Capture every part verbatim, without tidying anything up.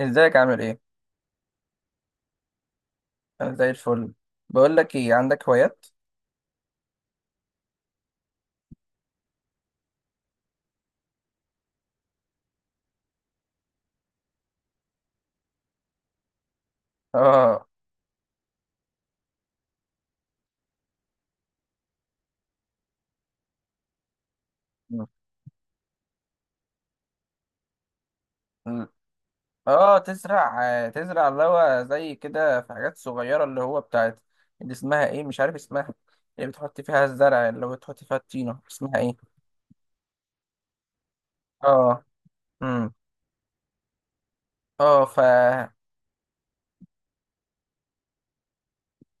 ازيك عامل ايه؟ انا زي الفل. بقول لك ايه، عندك هوايات؟ اه. م- اه، تزرع آه، تزرع اللي هو زي كده في حاجات صغيرة اللي هو بتاعت. اللي اسمها ايه، مش عارف اسمها، اللي بتحط فيها الزرع، اللي هو بتحط فيها الطينة، اسمها ايه؟ اه. امم. اه ف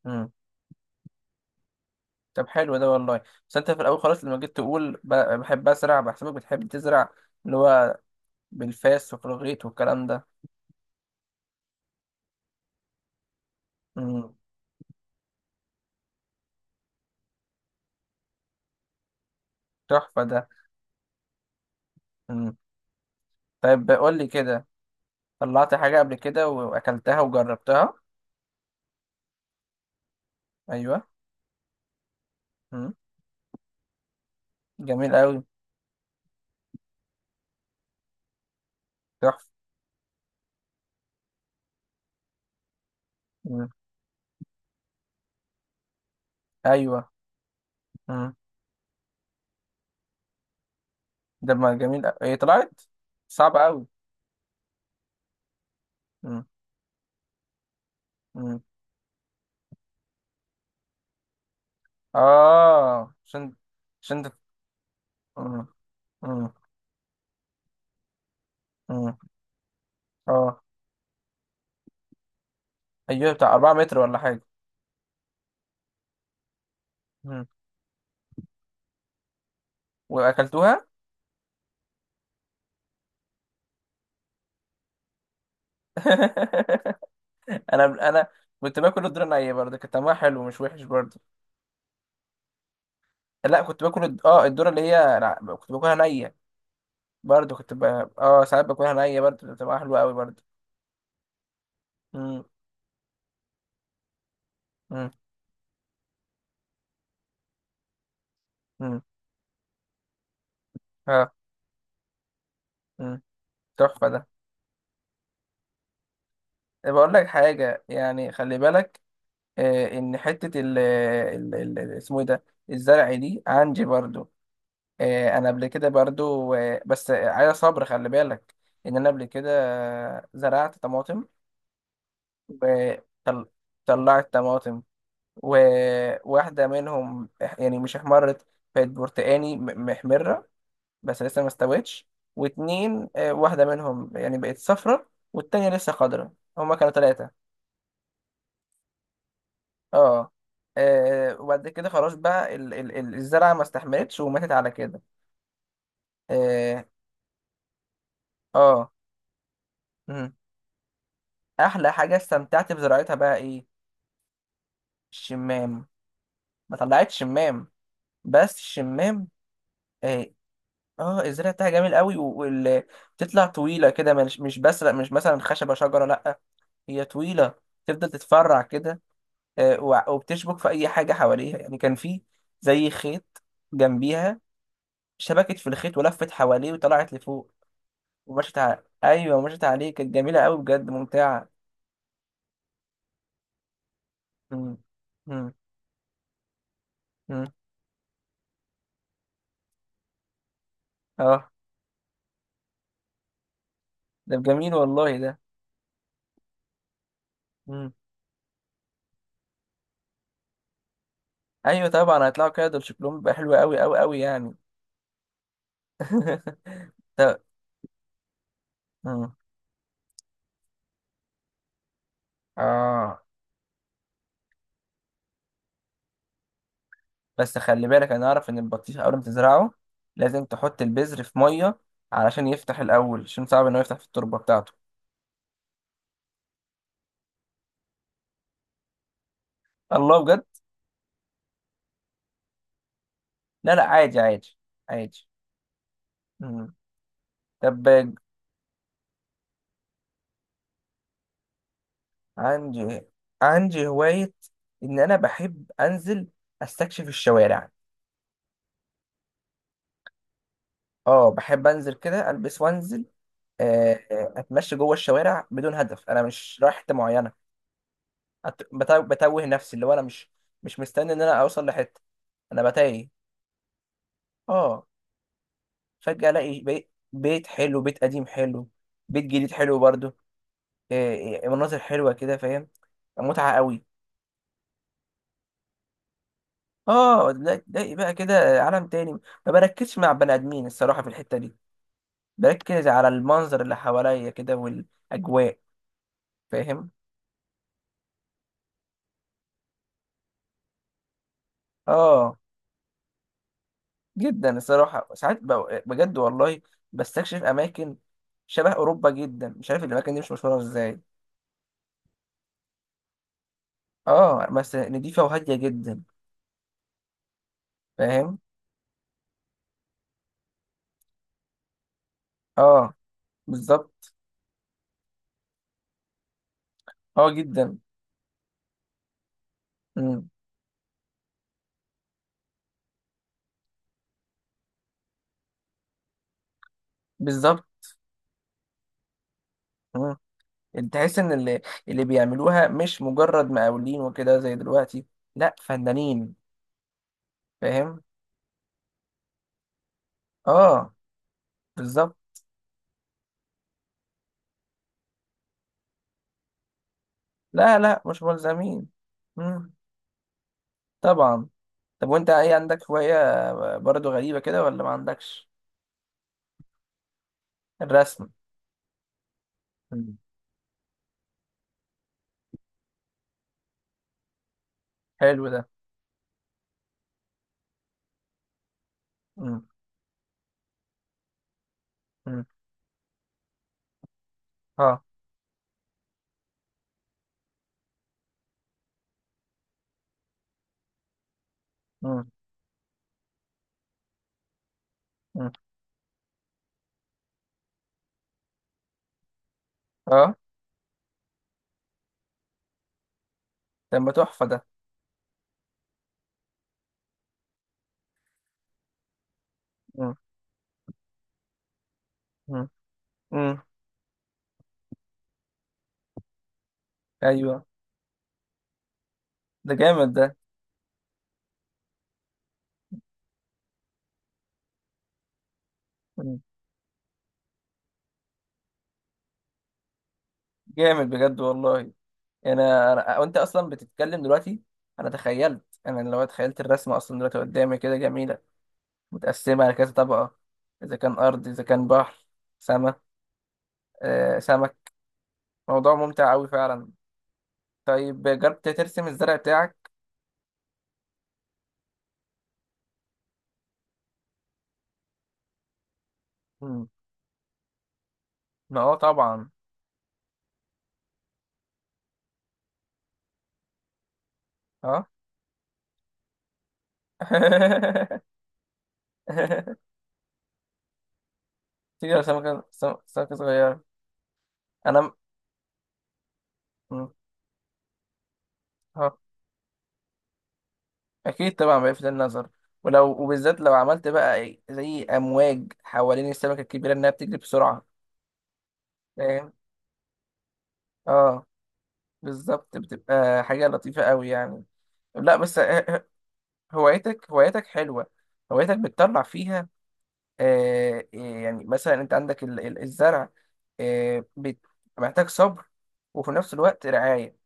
امم. طب حلو ده والله. بس انت في الاول خالص لما جيت تقول ب- بحب ازرع بحسبك بتحب تزرع، اللي هو بالفاس وفي الغيط والكلام ده. امم. تحفة ده. امم. طيب قول لي كده، طلعت حاجة قبل كده وأكلتها وجربتها؟ أيوة. مم. جميل أوي. تحفة. مم. أيوة. مم. ده ما جميل أوي. إيه، طلعت صعبة أوي؟ مم. مم. آه، عشان. عشان ده. مم. مم. مم. آه. أيوة، بتاع أربعة متر ولا حاجة. مم. وأكلتوها؟ أنا أنا كنت باكل الدورة نية برضه، كان طعمها حلو مش وحش برضه. لا، كنت باكل الد- اه الدورة اللي هي، لا، كنت باكلها نية. برضه كنت ب... اه، ساعات باكلها نية برضه، بتبقى حلوة أوي برضه. مم. مم. مم. اه. مم. تحفة ده. إيه، بقول لك حاجة يعني، خلي بالك، آه، إن حتة ال ال- ال- ال- اسمه إيه ده، الزرع دي عندي برضو. آه، أنا قبل كده برضو، آه، بس عايز صبر، خلي بالك إن أنا قبل كده، آه، زرعت طماطم. وطلعت طماطم، وواحدة منهم يعني مش احمرت، بقت برتقاني، م- محمرة، بس لسه ما استوتش. واتنين، آه، واحدة منهم يعني بقت صفرة والتانية لسه خضرة، هما كانوا تلاتة. اه. آه، وبعد كده خلاص بقى ال ال ال- الزرعة ما استحملتش وماتت على كده. اه، اه. مم. أحلى حاجة استمتعت بزراعتها بقى إيه؟ الشمام. ما طلعتش شمام. بس الشمام، اه، اه، الزرع بتاعها جميل قوي، وبتطلع طويلة كده، مش مش بس مش مثلا خشبة شجرة، لأ، هي طويلة، تفضل تتفرع كده، آه، وع- وبتشبك في اي حاجه حواليها. يعني كان في زي خيط جنبيها، شبكت في الخيط ولفت حواليه وطلعت لفوق. ومشت على، ايوه، مشت عليه، كانت جميله قوي بجد، ممتعه. مم. مم. مم. اه. ده جميل والله ده. مم. ايوه طبعا هيطلعوا كده، دول شكلهم بيبقى حلو قوي قوي قوي يعني. طب. مم. اه، بس خلي بالك، انا اعرف ان البطيخ اول ما تزرعه لازم تحط البذر في ميه علشان يفتح الاول، عشان صعب انه يفتح في التربه بتاعته. الله، بجد. لا، لا، عادي عادي عادي. مم. طب، عندي عندي هواية، إن أنا بحب أنزل أستكشف الشوارع. أه، بحب أنزل كده ألبس وأنزل، آه، آه، أتمشى جوه الشوارع بدون هدف، أنا مش رايح حتة معينة. أت- بتو- بتوه نفسي، اللي هو أنا مش مش مستني إن أنا أوصل لحتة، أنا بتايه. أه، فجأة ألاقي بيت, بيت حلو، بيت قديم حلو، بيت جديد حلو برضه، آه، آه، مناظر حلوة كده، فاهم؟ متعة قوي. اه، تلاقي تلاقي بقى كده عالم تاني، ما بركزش مع بني ادمين الصراحه في الحته دي، بركز على المنظر اللي حواليا كده والاجواء، فاهم؟ اه، جدا الصراحه. ساعات ب- بجد والله، بستكشف اماكن شبه اوروبا جدا، مش عارف الاماكن دي مش مشهوره ازاي. اه، بس نضيفه وهاديه جدا، فاهم؟ اه، بالظبط. اه، جدا. امم. بالظبط. امم. تحس ان اللي اللي بيعملوها مش مجرد مقاولين وكده زي دلوقتي، لا، فنانين، فاهم؟ اه، بالظبط. لا، لا، مش ملزمين. مم. طبعا. طب وانت ايه، عندك هواية برضو غريبة كده ولا ما عندكش؟ الرسم. مم. حلو ده. مم. مم. اه. مم. مم. اه. ده ما تحفة ده. مم. مم. مم. ايوه. ده جامد ده. مم. جامد بجد والله. انا انا وانت اصلا بتتكلم دلوقتي، انا تخيلت انا لو تخيلت الرسمة اصلا دلوقتي قدامي كده جميلة، متقسمة على كذا طبقة، اذا كان ارض، اذا كان بحر، سما، آه، سمك. موضوع ممتع أوي فعلا. طيب جربت ترسم الزرع بتاعك؟ مم. اه، طبعا. اه. تيجي على سمكة سم- سمكة صغيرة. أنا. مم. اه. أكيد طبعا بيلفت النظر. ولو، وبالذات لو عملت بقى، إيه، زي أمواج حوالين السمكة الكبيرة إنها بتجري بسرعة، فاهم؟ اه، بالظبط، بتبقى حاجة لطيفة أوي يعني. لا بس، آه، آه، هوايتك هوايتك حلوة، هوايتك بتطلع فيها، آه، إيه، يعني مثلا انت عندك ال- ال- الزرع، آه، بت- محتاج صبر وفي نفس الوقت رعاية،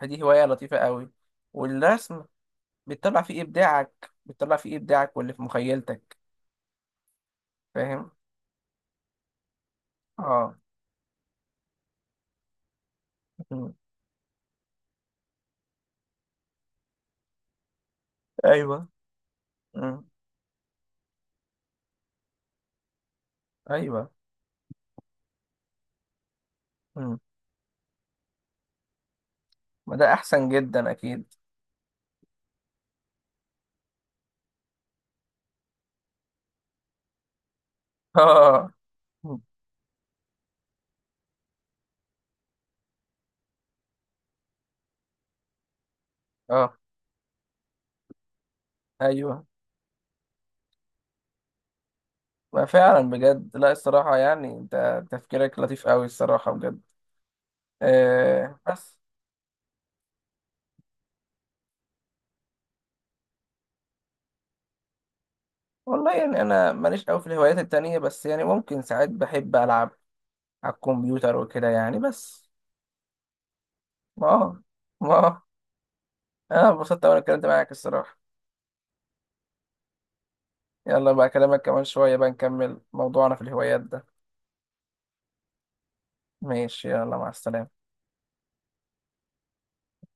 فدي هواية لطيفة قوي. والرسم بتطلع فيه إبداعك، بتطلع فيه إبداعك واللي في مخيلتك، فاهم؟ اه. مم. ايوه. مم. ايوه. مم. ما ده أحسن جدا أكيد. اه. مم. اه. ايوه. ما فعلا بجد، لا، الصراحة يعني، انت تفكيرك لطيف قوي الصراحة بجد. آه، بس، والله يعني انا ماليش قوي في الهوايات التانية، بس يعني ممكن ساعات بحب العب على الكمبيوتر وكده يعني بس. ما أه، ما أه. انا انبسطت وانا اتكلمت معاك الصراحة. يلا بقى اكلمك كمان شوية بقى، نكمل موضوعنا في الهوايات ده. ماشي، يلا مع السلامة.